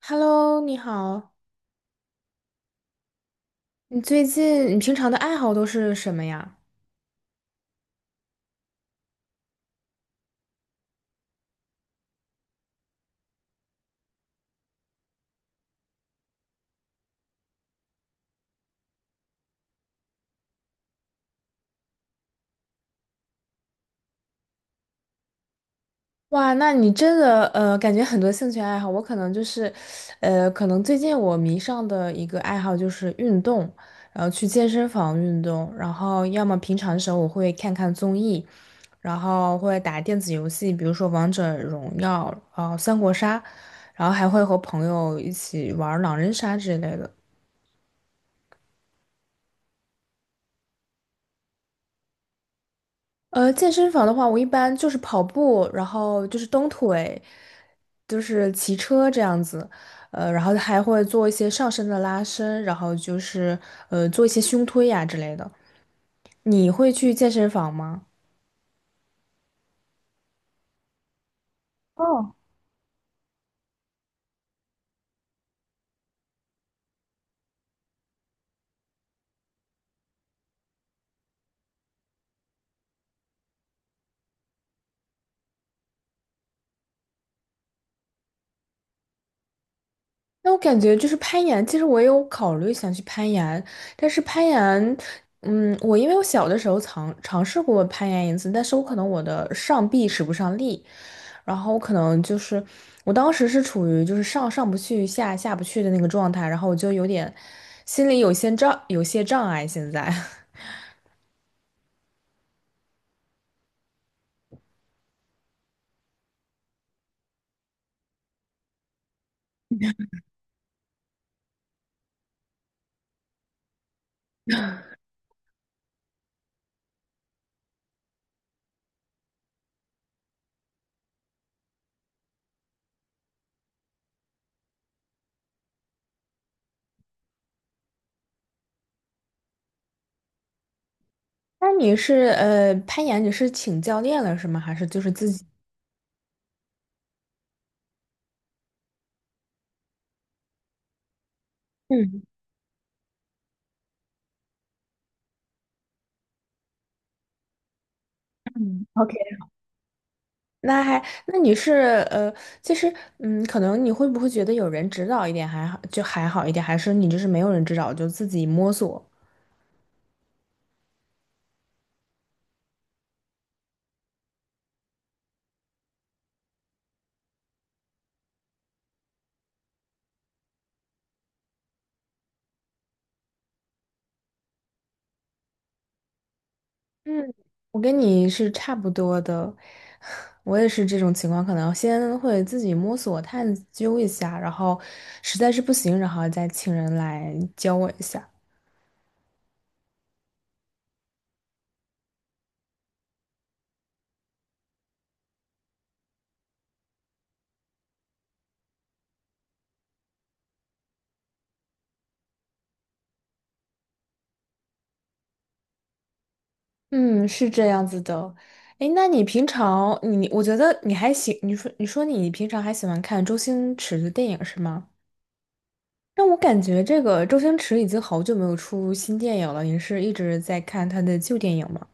Hello，你好。你最近你平常的爱好都是什么呀？哇，那你真的感觉很多兴趣爱好。我可能就是，可能最近我迷上的一个爱好就是运动，然后去健身房运动，然后要么平常的时候我会看看综艺，然后会打电子游戏，比如说王者荣耀，三国杀，然后还会和朋友一起玩狼人杀之类的。健身房的话，我一般就是跑步，然后就是蹬腿，就是骑车这样子，然后还会做一些上身的拉伸，然后就是做一些胸推呀、之类的。你会去健身房吗？那我感觉就是攀岩，其实我也有考虑想去攀岩，但是攀岩，嗯，我因为我小的时候尝试过攀岩一次，但是我可能我的上臂使不上力，然后我可能就是我当时是处于就是上不去下不去的那个状态，然后我就有点心里有些障碍现在。那你是攀岩，你是请教练了是吗？还是就是自己？嗯嗯，OK,那还，那你是呃，其实嗯，可能你会不会觉得有人指导一点还好，就还好一点，还是你就是没有人指导就自己摸索？嗯，我跟你是差不多的，我也是这种情况，可能先会自己摸索探究一下，然后实在是不行，然后再请人来教我一下。嗯，是这样子的。诶，那你平常我觉得你还喜，你说你平常还喜欢看周星驰的电影是吗？但我感觉这个周星驰已经好久没有出新电影了，您是一直在看他的旧电影吗？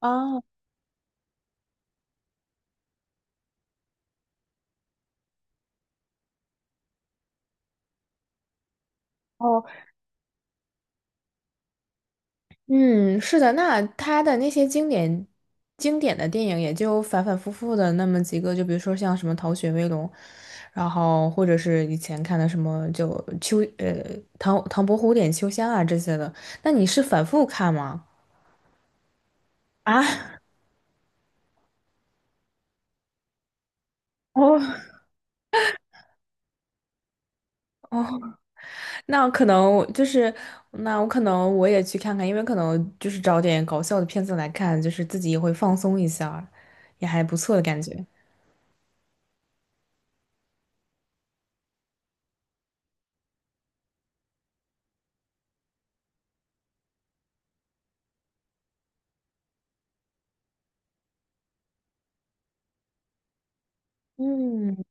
啊，哦，嗯，是的，那他的那些经典的电影也就反反复复的那么几个，就比如说像什么《逃学威龙》，然后或者是以前看的什么唐伯虎点秋香啊这些的，那你是反复看吗？啊，哦，哦，那可能就是那我可能我也去看看，因为可能就是找点搞笑的片子来看，就是自己也会放松一下，也还不错的感觉。嗯，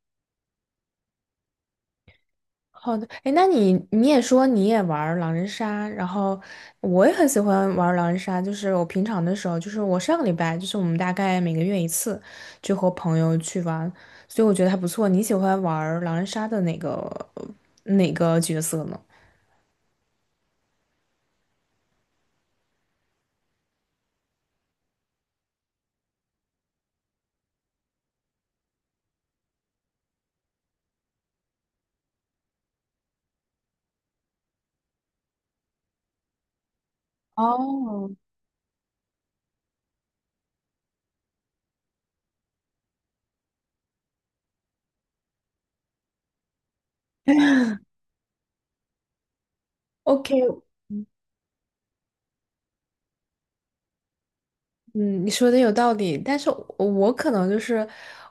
好的。哎，那你你也说你也玩儿狼人杀，然后我也很喜欢玩儿狼人杀，就是我平常的时候，就是我上个礼拜，就是我们大概每个月一次，就和朋友去玩，所以我觉得还不错。你喜欢玩儿狼人杀的哪个呃哪个角色呢？哦，OK,嗯，你说的有道理，但是我可能就是，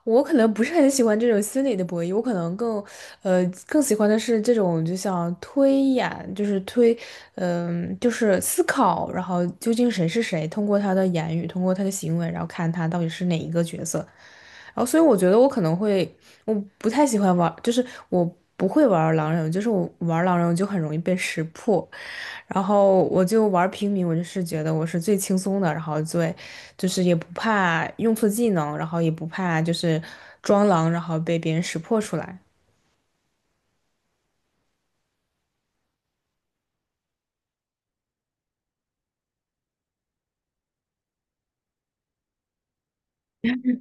我可能不是很喜欢这种心理的博弈，我可能更，更喜欢的是这种就像推演，就是推，嗯、就是思考，然后究竟谁是谁，通过他的言语，通过他的行为，然后看他到底是哪一个角色。然后，所以我觉得我可能会，我不太喜欢玩，就是我不会玩狼人，就是我玩狼人我就很容易被识破，然后我就玩平民，我就是觉得我是最轻松的，然后最就是也不怕用错技能，然后也不怕就是装狼，然后被别人识破出来。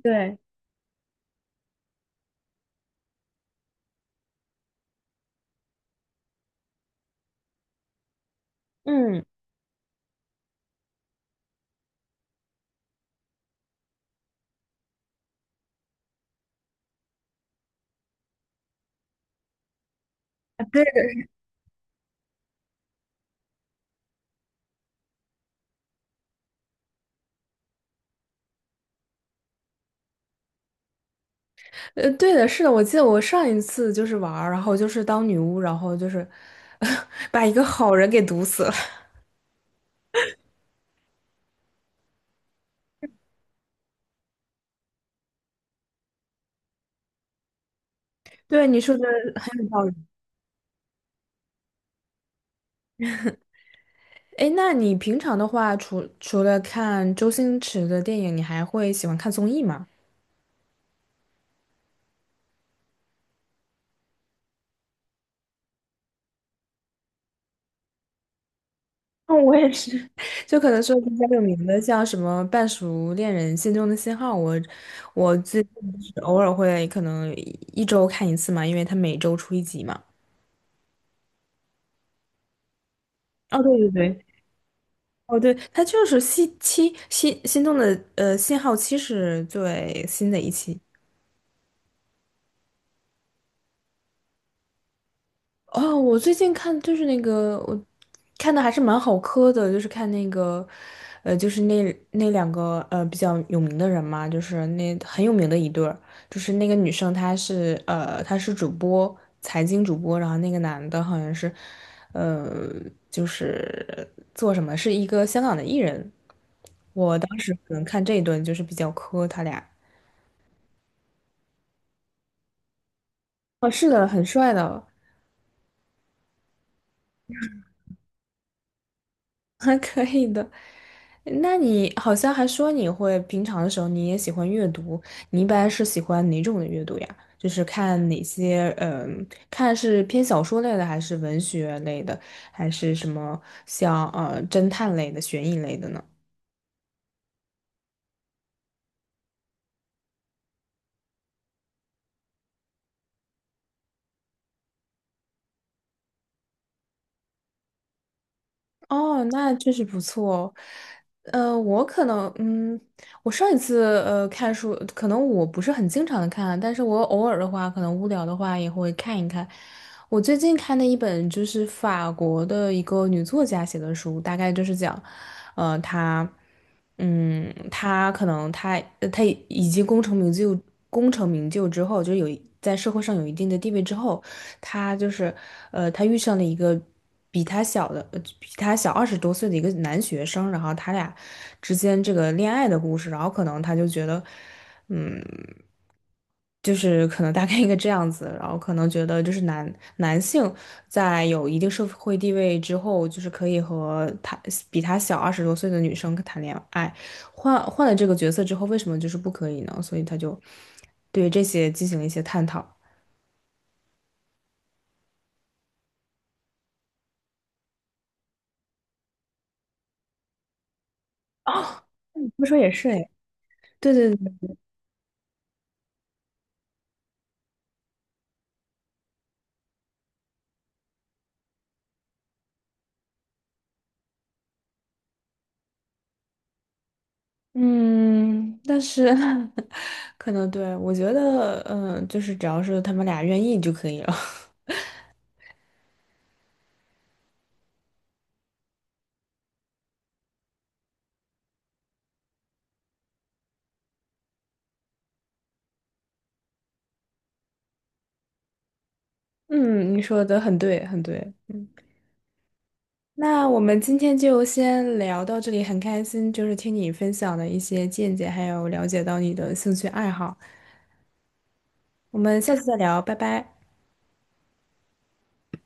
对，嗯，啊，对的，对的，是的，我记得我上一次就是玩儿然后就是当女巫，然后就是 把一个好人给毒死了。对，你说的很有道理。哎，那你平常的话，除了看周星驰的电影，你还会喜欢看综艺吗？嗯，我也是。就可能说比较有名的，像什么《半熟恋人》《心中的信号》我，我最近就是偶尔会可能一周看一次嘛，因为他每周出一集嘛。哦，对对对，哦，对，他就是西七新，心动的信号七是最新的一期。哦，我最近看就是那个，我看的还是蛮好磕的，就是看那个，就是那那两个比较有名的人嘛，就是那很有名的一对儿，就是那个女生她是主播，财经主播，然后那个男的好像是，呃，就是做什么是一个香港的艺人，我当时可能看这一段就是比较磕他俩，哦，是的，很帅的，还可以的。那你好像还说你会平常的时候你也喜欢阅读，你一般是喜欢哪种的阅读呀？就是看哪些，嗯，看是偏小说类的，还是文学类的，还是什么像侦探类的、悬疑类的呢？哦，那确实不错哦。我可能，嗯，我上一次看书，可能我不是很经常的看啊，但是我偶尔的话，可能无聊的话也会看一看。我最近看的一本就是法国的一个女作家写的书，大概就是讲，她，嗯，她可能她已经功成名就，功成名就之后，就在社会上有一定的地位之后。他就是，他遇上了一个比他小二十多岁的一个男学生，然后他俩之间这个恋爱的故事，然后可能他就觉得，嗯，就是可能大概一个这样子，然后可能觉得就是男性在有一定社会地位之后，就是可以和他比他小二十多岁的女生谈恋爱，换了这个角色之后，为什么就是不可以呢？所以他就对这些进行了一些探讨。哦，你这么说也是哎，对对。嗯，但是 可能对，我觉得，嗯，就是只要是他们俩愿意就可以了。嗯，你说的很对，很对。嗯，那我们今天就先聊到这里，很开心，就是听你分享的一些见解，还有了解到你的兴趣爱好。我们下次再聊，拜拜。